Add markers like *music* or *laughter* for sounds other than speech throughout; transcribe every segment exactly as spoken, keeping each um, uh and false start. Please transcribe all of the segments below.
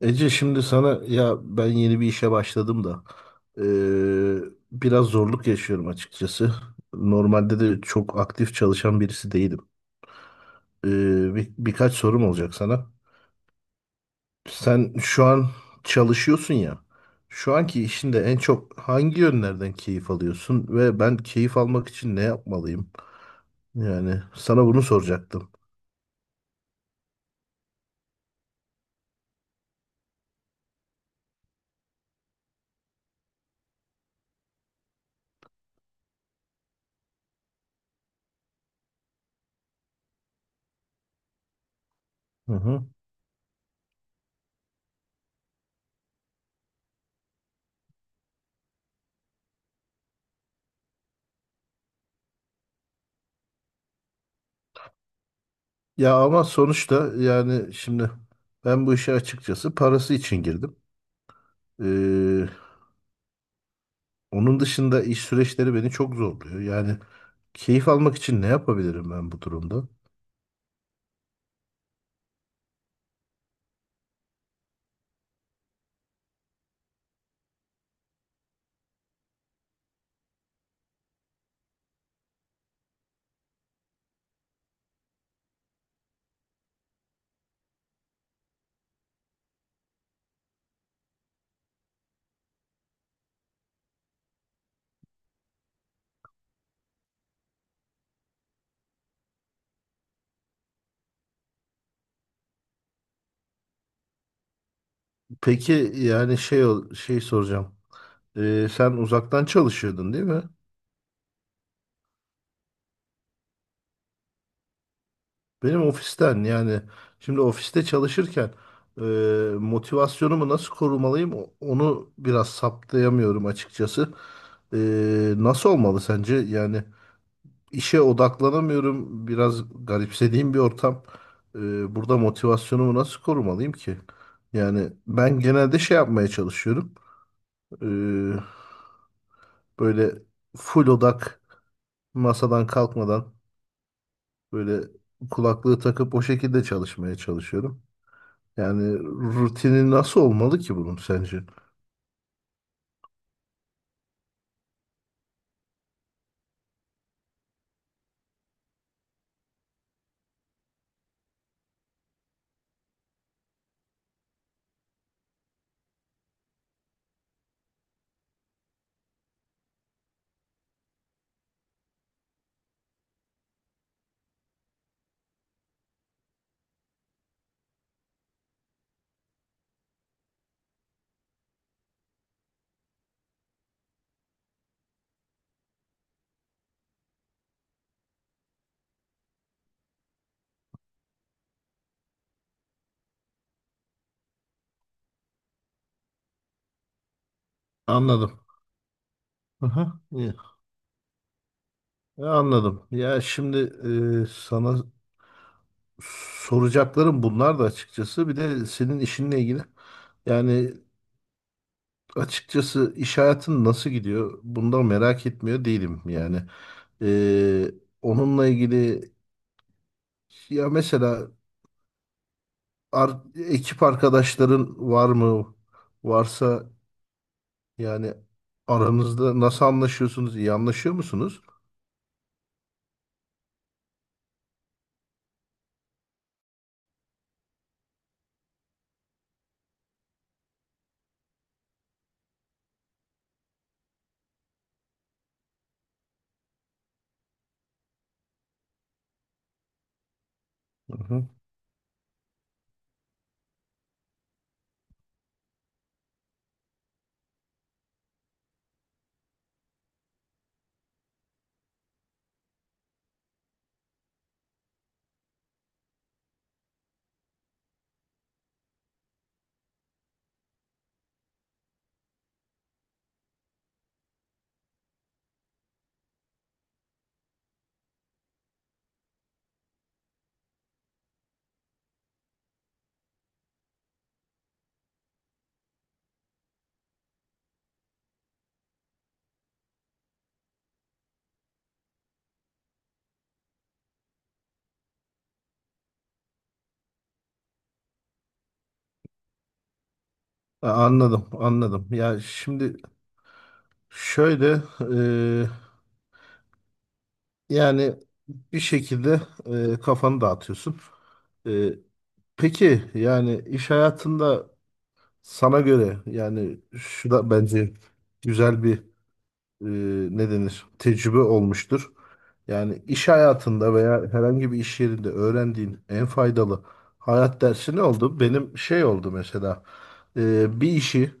Ece, şimdi sana, ya ben yeni bir işe başladım da eee, biraz zorluk yaşıyorum açıkçası. Normalde de çok aktif çalışan birisi değilim. Eee, bir, birkaç sorum olacak sana. Sen şu an çalışıyorsun ya. Şu anki işinde en çok hangi yönlerden keyif alıyorsun ve ben keyif almak için ne yapmalıyım? Yani sana bunu soracaktım. Hı hı. Ya ama sonuçta yani şimdi ben bu işe açıkçası parası için girdim. Onun dışında iş süreçleri beni çok zorluyor. Yani keyif almak için ne yapabilirim ben bu durumda? Peki yani şey ol- şey soracağım. Ee, sen uzaktan çalışıyordun, değil mi? Benim ofisten, yani şimdi ofiste çalışırken e, motivasyonumu nasıl korumalıyım? O- Onu biraz saptayamıyorum açıkçası. Ee, nasıl olmalı sence? Yani İşe odaklanamıyorum. Biraz garipsediğim bir ortam. Ee, burada motivasyonumu nasıl korumalıyım ki? Yani ben genelde şey yapmaya çalışıyorum. Ee, Böyle full odak, masadan kalkmadan, böyle kulaklığı takıp o şekilde çalışmaya çalışıyorum. Yani rutini nasıl olmalı ki bunun sence? Anladım. Aha, iyi. E, Anladım. Ya şimdi e, sana soracaklarım bunlar da açıkçası. Bir de senin işinle ilgili. Yani açıkçası iş hayatın nasıl gidiyor? Bundan merak etmiyor değilim yani. Ee, Onunla ilgili, ya mesela ar- ekip arkadaşların var mı? Varsa yani aranızda nasıl anlaşıyorsunuz? İyi anlaşıyor musunuz? Hı hı. Ha, anladım, anladım. Ya şimdi şöyle, yani bir şekilde e, kafanı dağıtıyorsun. E, peki yani iş hayatında, sana göre, yani şu da bence güzel bir e, ne denir, tecrübe olmuştur. Yani iş hayatında veya herhangi bir iş yerinde öğrendiğin en faydalı hayat dersi ne oldu? Benim şey oldu mesela, e, bir işi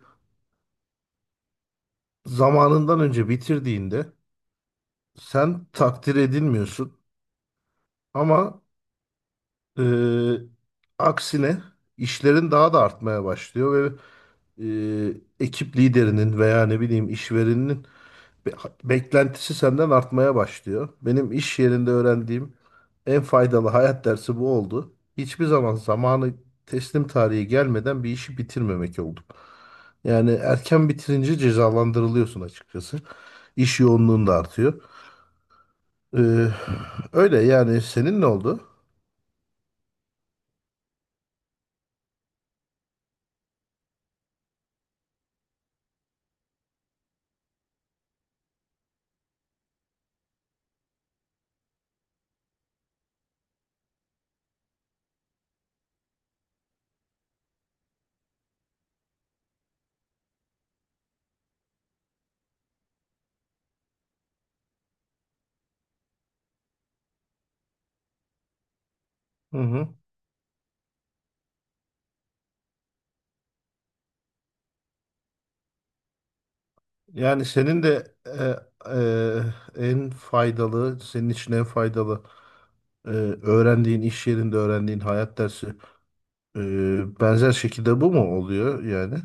zamanından önce bitirdiğinde sen takdir edilmiyorsun. Ama Ee, aksine işlerin daha da artmaya başlıyor ve e, ekip liderinin veya ne bileyim işverenin be- beklentisi senden artmaya başlıyor. Benim iş yerinde öğrendiğim en faydalı hayat dersi bu oldu. Hiçbir zaman zamanı, teslim tarihi gelmeden bir işi bitirmemek oldu. Yani erken bitirince cezalandırılıyorsun açıkçası. İş yoğunluğun da artıyor. Ee, Öyle yani, senin ne oldu? Hı hı. Yani senin de e, e, en faydalı, senin için en faydalı e, öğrendiğin iş yerinde öğrendiğin hayat dersi e, benzer şekilde bu mu oluyor yani?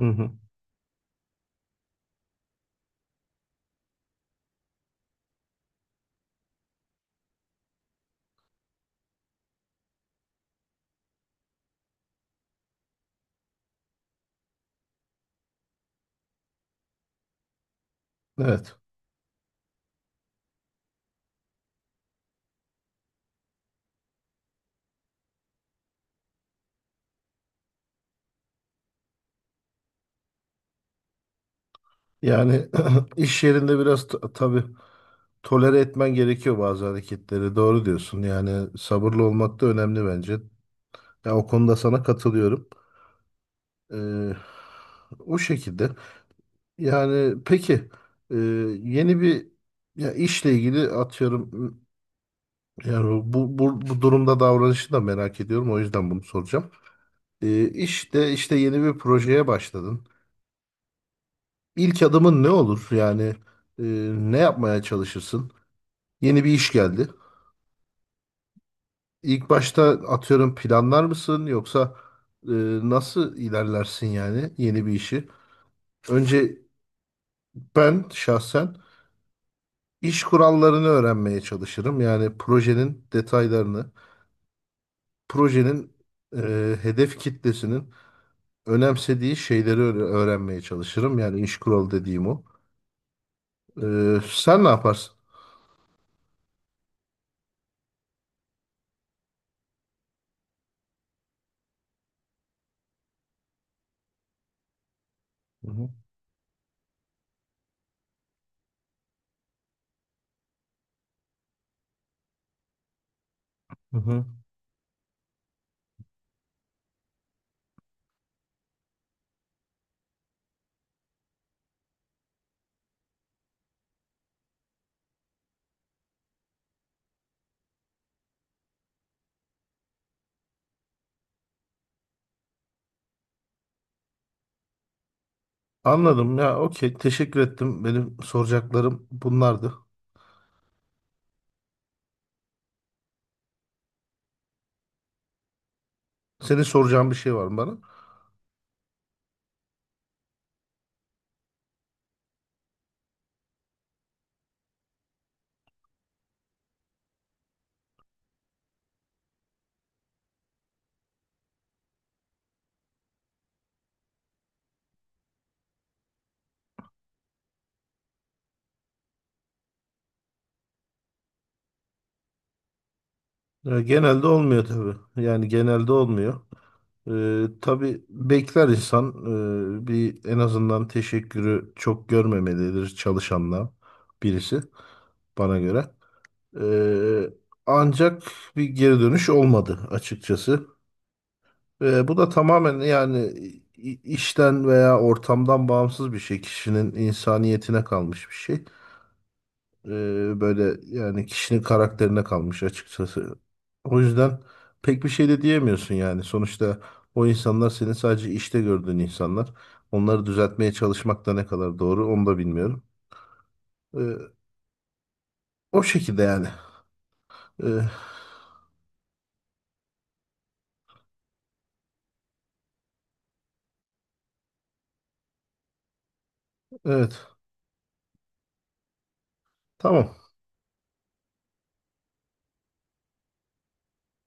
Hı hı. Evet. Yani *clears throat* iş yerinde biraz t- tabii tolere etmen gerekiyor bazı hareketleri. Doğru diyorsun. Yani sabırlı olmak da önemli bence. Ya o konuda sana katılıyorum. E, O şekilde. Yani peki e, yeni bir, ya işle ilgili, atıyorum yani bu, bu, bu durumda davranışı da merak ediyorum, o yüzden bunu soracağım. E, işte işte yeni bir projeye başladın. İlk adımın ne olur? Yani e, ne yapmaya çalışırsın? Yeni bir iş geldi. İlk başta atıyorum planlar mısın, yoksa e, nasıl ilerlersin yani yeni bir işi? Önce ben şahsen iş kurallarını öğrenmeye çalışırım. Yani projenin detaylarını, projenin e, hedef kitlesinin önemsediği şeyleri öğre- öğrenmeye çalışırım. Yani iş kuralı dediğim o. E, sen ne yaparsın? Hı hı. Hı hı. Anladım, ya okey, teşekkür ettim. Benim soracaklarım bunlardı. Senin soracağın bir şey var mı bana? E, genelde olmuyor tabii. Yani genelde olmuyor. E, tabii bekler insan, e, bir en azından teşekkürü çok görmemelidir çalışanla birisi, bana göre. Ee, Ancak bir geri dönüş olmadı açıkçası. Ee, bu da tamamen yani i- işten veya ortamdan bağımsız bir şey. Kişinin insaniyetine kalmış bir şey. Ee, böyle yani, kişinin karakterine kalmış açıkçası. O yüzden pek bir şey de diyemiyorsun yani. Sonuçta o insanlar senin sadece işte gördüğün insanlar. Onları düzeltmeye çalışmak da ne kadar doğru, onu da bilmiyorum. Ee, O şekilde yani. Ee, evet. Tamam.